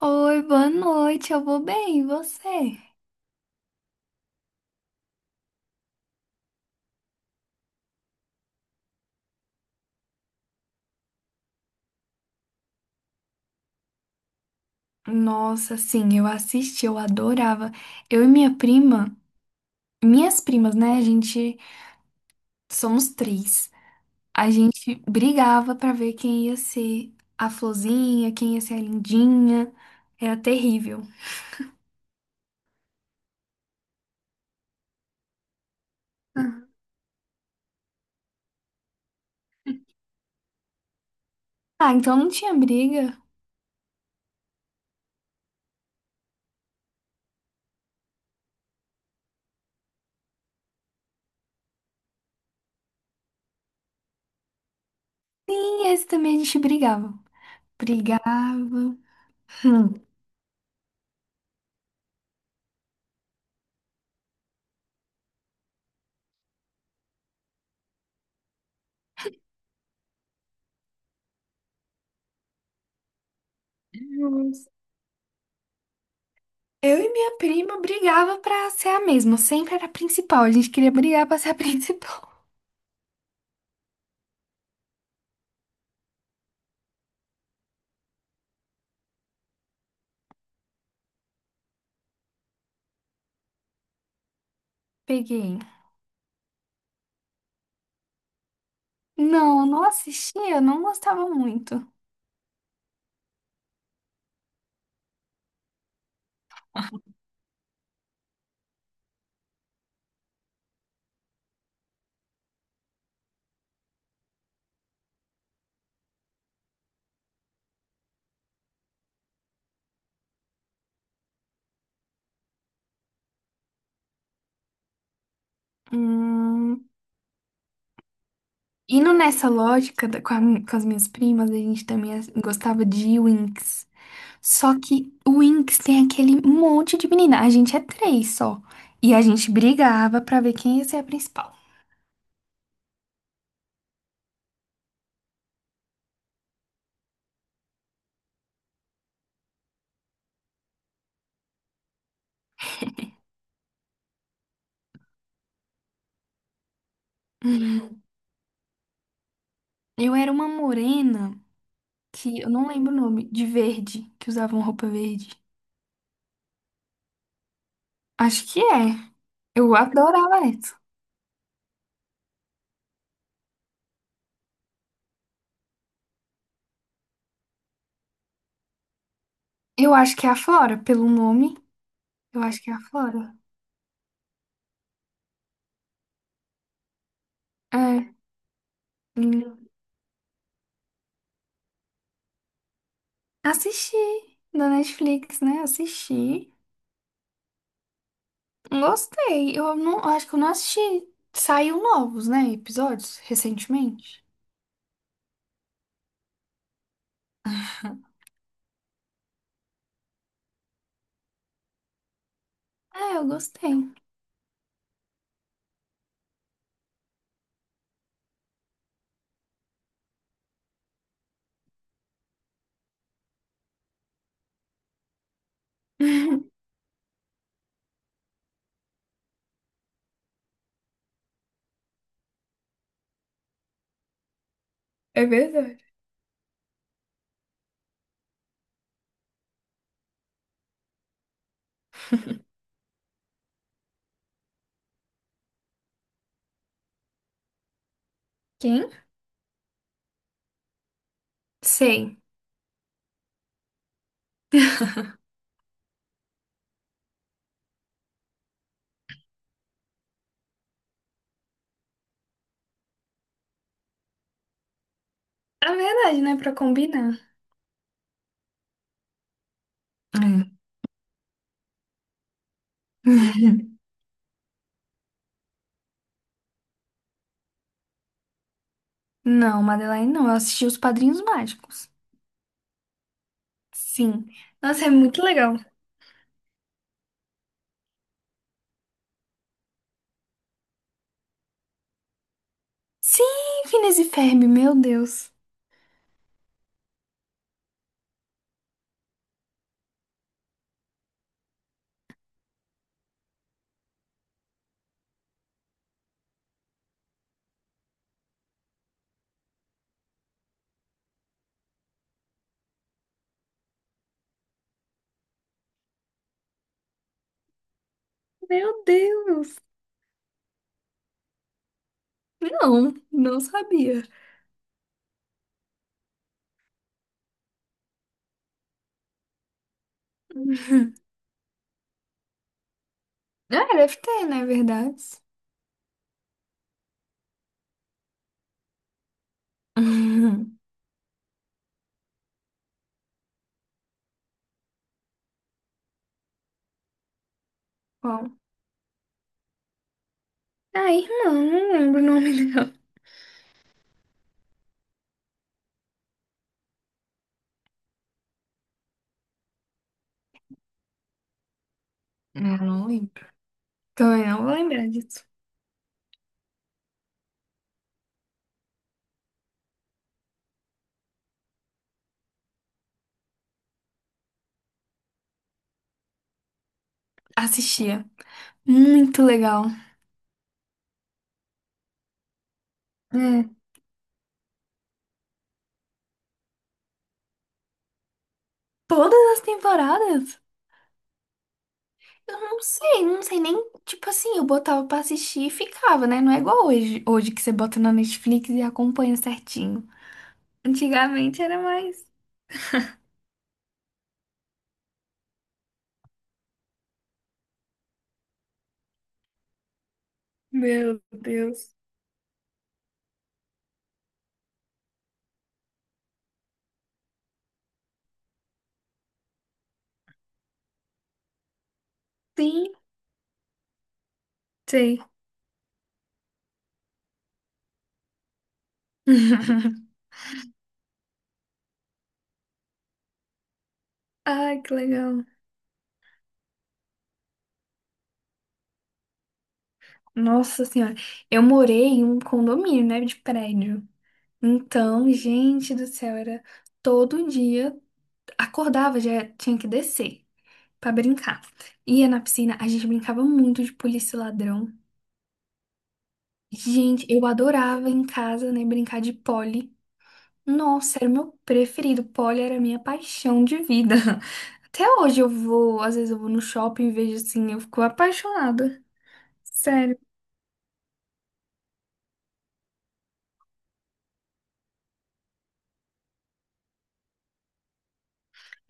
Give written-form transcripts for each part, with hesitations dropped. Oi, boa noite, eu vou bem, e você? Nossa, sim, eu assisti, eu adorava. Eu e minha prima, Minhas primas, né? A gente somos três. A gente brigava pra ver quem ia ser a florzinha, quem ia ser a lindinha. Era terrível. Uhum. Ah, então não tinha briga. Sim, esse também a gente brigava. Brigava. Hum. Deus. Eu e minha prima brigava pra ser a mesma, sempre era a principal. A gente queria brigar pra ser a principal. Peguei. Não, não assisti, eu não gostava muito. Hum, indo nessa lógica da- com, a mi- com as minhas primas, a gente gostava de Winx. Só que o Winx tem aquele monte de menina. A gente é três só. E a gente brigava pra ver quem ia ser a principal. Hum, Eu era uma morena, que eu não lembro o nome, de verde, que usava roupa verde. Acho que é. Eu adorava essa. Eu acho que é a Flora, pelo nome. Eu acho que é a Flora. É. Assisti da Netflix, né? Assisti. Gostei. Eu não, eu acho que eu não assisti. Saiu novos, né? Episódios recentemente. Ah, eu gostei. É verdade. Quem? Sei. É verdade, né? Pra combinar. É. Não, Madeline, não. Eu assisti Os Padrinhos Mágicos. Sim. Nossa, é muito legal. Sim, Phineas e Ferb, meu Deus. Meu Deus! Não, não sabia. Ah, deve ter, né? Verdade. Qual? Ah, irmã, não lembro o nome dela. Eu não lembro. Também não vou lembrar disso. Assistia. Muito legal. É. Todas as temporadas? Eu não sei, não sei nem. Tipo assim, eu botava pra assistir e ficava, né? Não é igual hoje, hoje que você bota na Netflix e acompanha certinho. Antigamente era mais. Meu Deus. Sim, sei. Ai, que legal. Nossa Senhora. Eu morei em um condomínio, né? De prédio. Então, gente do céu, era todo dia. Acordava, já tinha que descer pra brincar. Ia na piscina, a gente brincava muito de polícia e ladrão. Gente, eu adorava em casa, né, brincar de pole. Nossa, era o meu preferido. Pole era a minha paixão de vida. Até hoje eu vou, às vezes eu vou no shopping e vejo assim, eu fico apaixonada. Sério.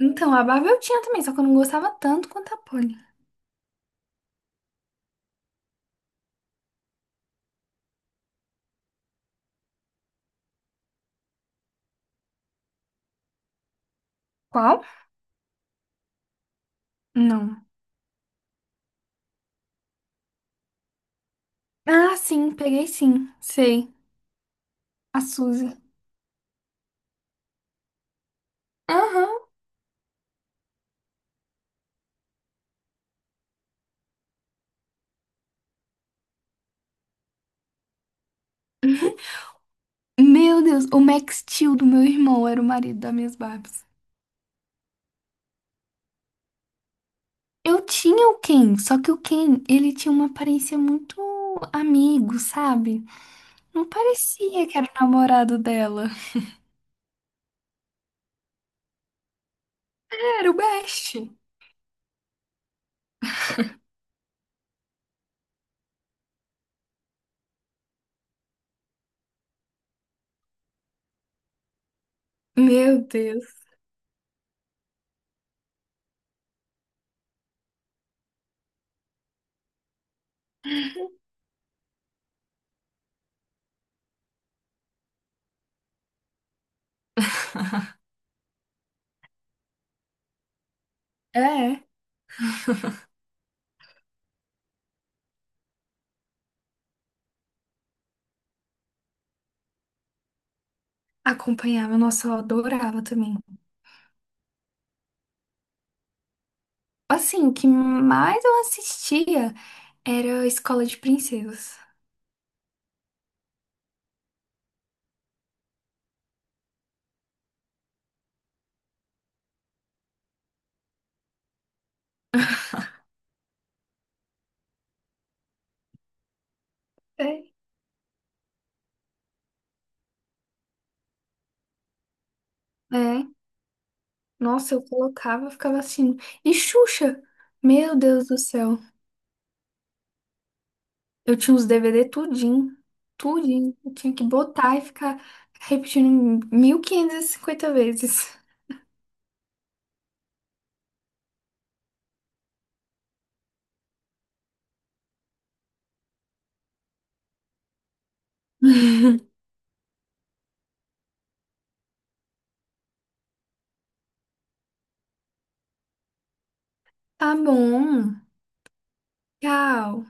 Então, a Barbie eu tinha também, só que eu não gostava tanto quanto a pole. Qual? Não. Ah, sim, peguei sim. Sei. A Suzy. Aham. Meu Deus, o Max Steel do meu irmão era o marido das minhas Barbies. Eu tinha o Ken, só que o Ken, ele tinha uma aparência muito amigo, sabe? Não parecia que era o namorado dela. Era o Best. Meu Deus. É, acompanhava, nossa, eu adorava também. Assim, o que mais eu assistia era a Escola de Princesas. Sei. É, nossa, eu colocava, ficava assistindo. E Xuxa, meu Deus do céu. Eu tinha os DVD tudinho, tudinho. Eu tinha que botar e ficar repetindo 1.550 vezes. Tá bom. Tchau.